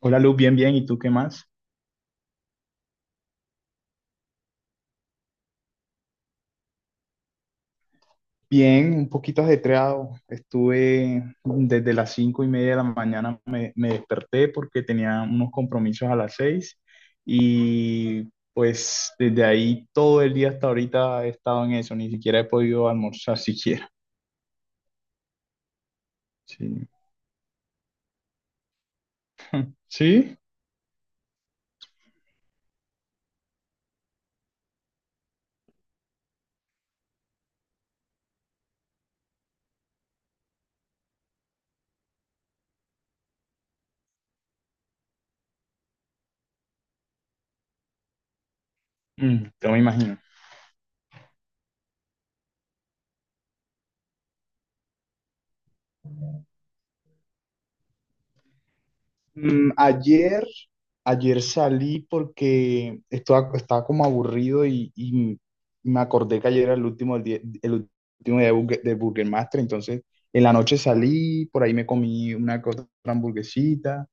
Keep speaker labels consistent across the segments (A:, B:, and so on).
A: Hola Luz, bien, bien. ¿Y tú qué más? Bien, un poquito ajetreado. Estuve desde las cinco y media de la mañana, me desperté porque tenía unos compromisos a las seis y pues desde ahí todo el día hasta ahorita he estado en eso, ni siquiera he podido almorzar siquiera. Sí, sí. Mm, te me imagino. Mm, ayer, ayer salí porque estaba como aburrido y me acordé que ayer era el último día de, de Burger Master. Entonces en la noche salí, por ahí me comí una que otra hamburguesita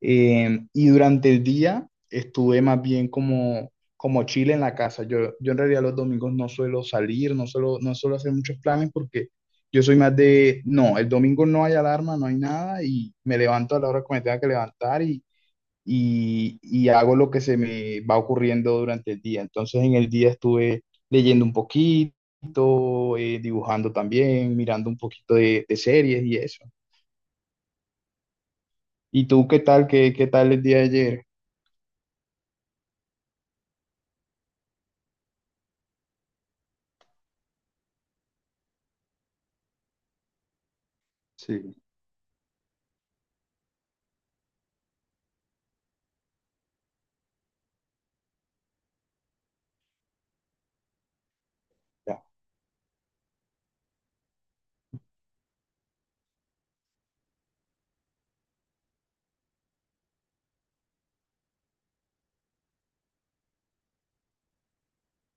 A: y durante el día estuve más bien como, como chile en la casa. Yo en realidad los domingos no suelo salir, no suelo hacer muchos planes porque yo soy más de, no, el domingo no hay alarma, no hay nada y me levanto a la hora que me tenga que levantar y hago lo que se me va ocurriendo durante el día. Entonces en el día estuve leyendo un poquito, dibujando también, mirando un poquito de series y eso. ¿Y tú qué tal? ¿Qué tal el día de ayer? Sí.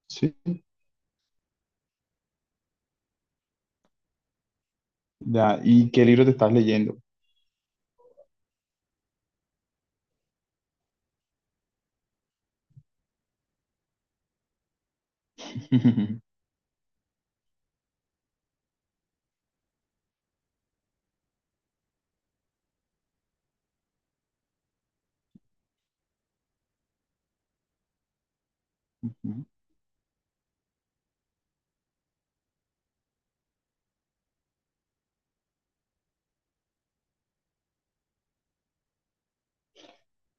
A: Sí, ya. ¿Y qué libro te estás leyendo? Ujú.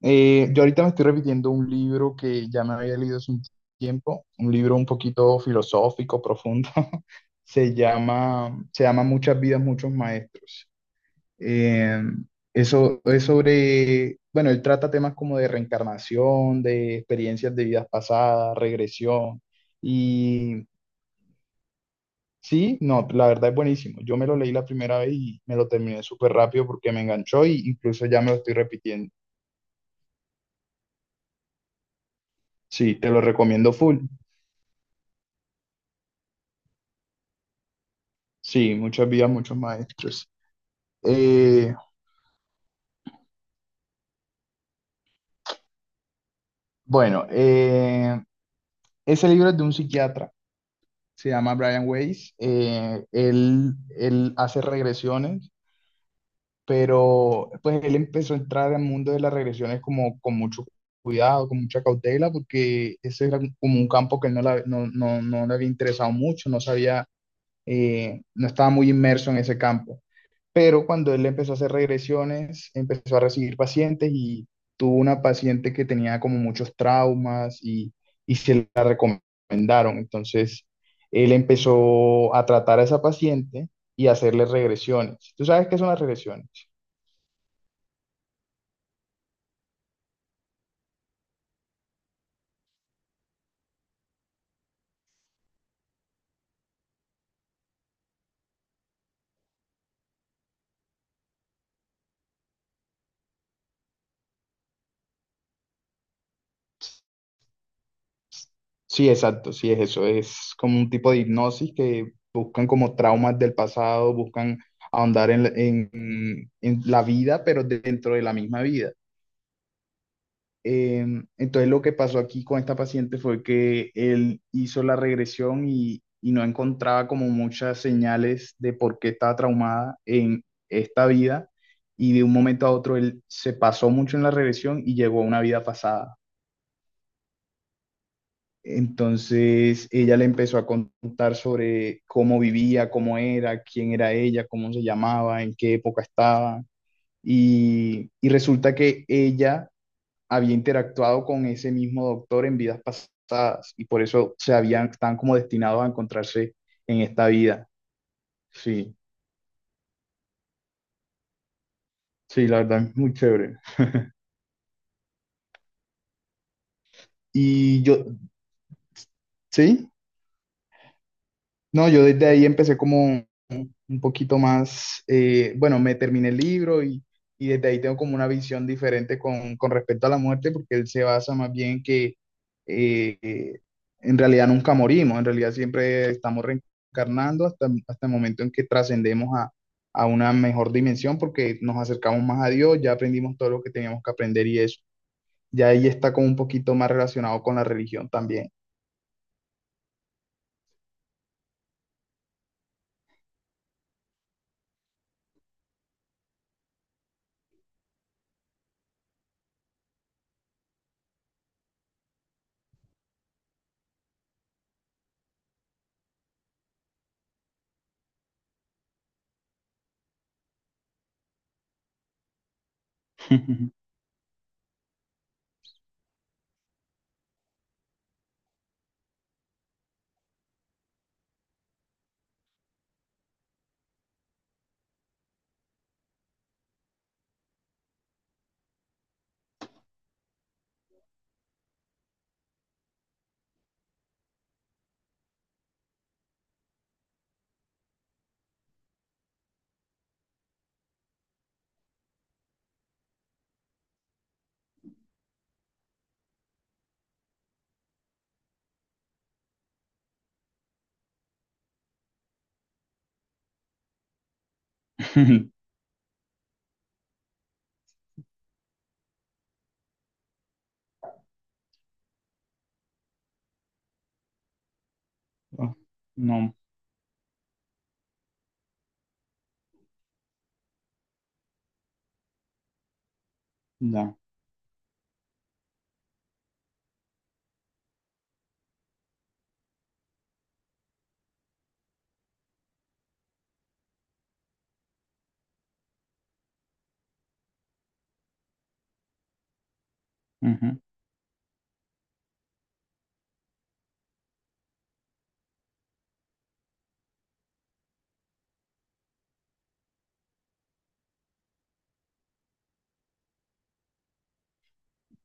A: Yo ahorita me estoy repitiendo un libro que ya me había leído hace un tiempo, un libro un poquito filosófico, profundo. Se llama Muchas vidas, muchos maestros. Eh, eso es sobre, bueno, él trata temas como de reencarnación, de experiencias de vidas pasadas, regresión. Y sí, no, la verdad es buenísimo. Yo me lo leí la primera vez y me lo terminé súper rápido porque me enganchó y incluso ya me lo estoy repitiendo. Sí, te lo recomiendo full. Sí, muchas vidas, muchos maestros. Eh, bueno, eh, ese libro es de un psiquiatra, se llama Brian Weiss. Él hace regresiones, pero pues él empezó a entrar al mundo de las regresiones como con mucho cuidado, con mucha cautela, porque ese era como un campo que él no, la- no, no, no le había interesado mucho, no sabía, no estaba muy inmerso en ese campo. Pero cuando él empezó a hacer regresiones, empezó a recibir pacientes y tuvo una paciente que tenía como muchos traumas y se la recomendaron. Entonces, él empezó a tratar a esa paciente y a hacerle regresiones. ¿Tú sabes qué son las regresiones? Sí, exacto, sí es eso, es como un tipo de hipnosis que buscan como traumas del pasado, buscan ahondar en la vida, pero dentro de la misma vida. Eh, entonces lo que pasó aquí con esta paciente fue que él hizo la regresión y no encontraba como muchas señales de por qué estaba traumada en esta vida y de un momento a otro él se pasó mucho en la regresión y llegó a una vida pasada. Entonces ella le empezó a contar sobre cómo vivía, cómo era, quién era ella, cómo se llamaba, en qué época estaba. Y resulta que ella había interactuado con ese mismo doctor en vidas pasadas y por eso se habían, están como destinados a encontrarse en esta vida. Sí, sí, la verdad es muy chévere. Y yo, ¿sí? No, yo desde ahí empecé como un poquito más, bueno, me terminé el libro y desde ahí tengo como una visión diferente con respecto a la muerte, porque él se basa más bien en que eh, eh, en realidad nunca morimos, en realidad siempre estamos reencarnando hasta, hasta el momento en que trascendemos a una mejor dimensión, porque nos acercamos más a Dios, ya aprendimos todo lo que teníamos que aprender y eso. Ya ahí está como un poquito más relacionado con la religión también. No, ya. Ujú,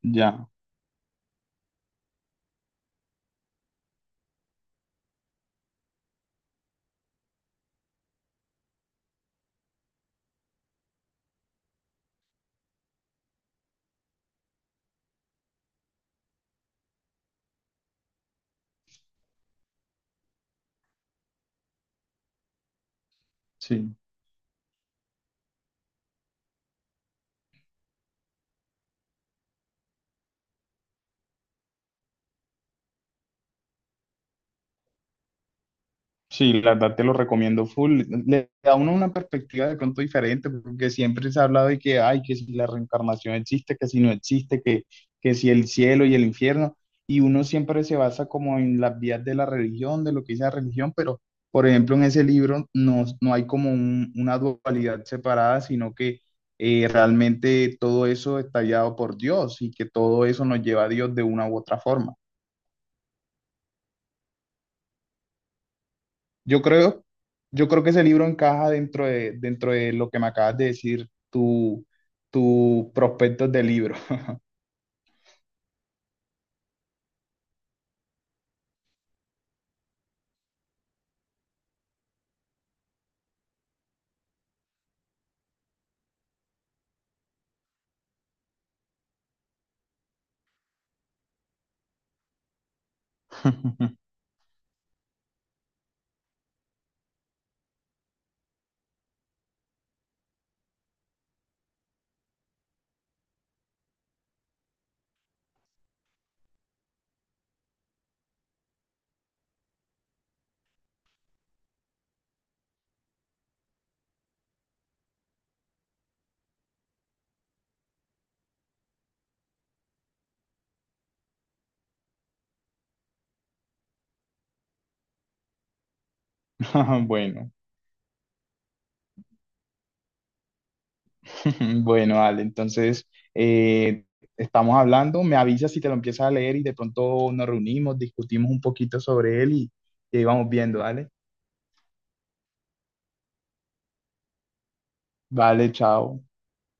A: ya, sí. Sí, la verdad te lo recomiendo full. Le da a uno una perspectiva de pronto diferente, porque siempre se ha hablado de que, ay, que si la reencarnación existe, que si no existe, que si el cielo y el infierno, y uno siempre se basa como en las vías de la religión, de lo que dice la religión, pero, por ejemplo, en ese libro no, una dualidad separada, sino que realmente todo eso está guiado por Dios y que todo eso nos lleva a Dios de una u otra forma. Yo creo, yo creo que ese libro encaja dentro de lo que me acabas de decir, tu prospectos de libro. Bueno, bueno, Ale, entonces eh, estamos hablando, me avisas si te lo empiezas a leer y de pronto nos reunimos, discutimos un poquito sobre él y ahí vamos viendo, dale. Vale, chao.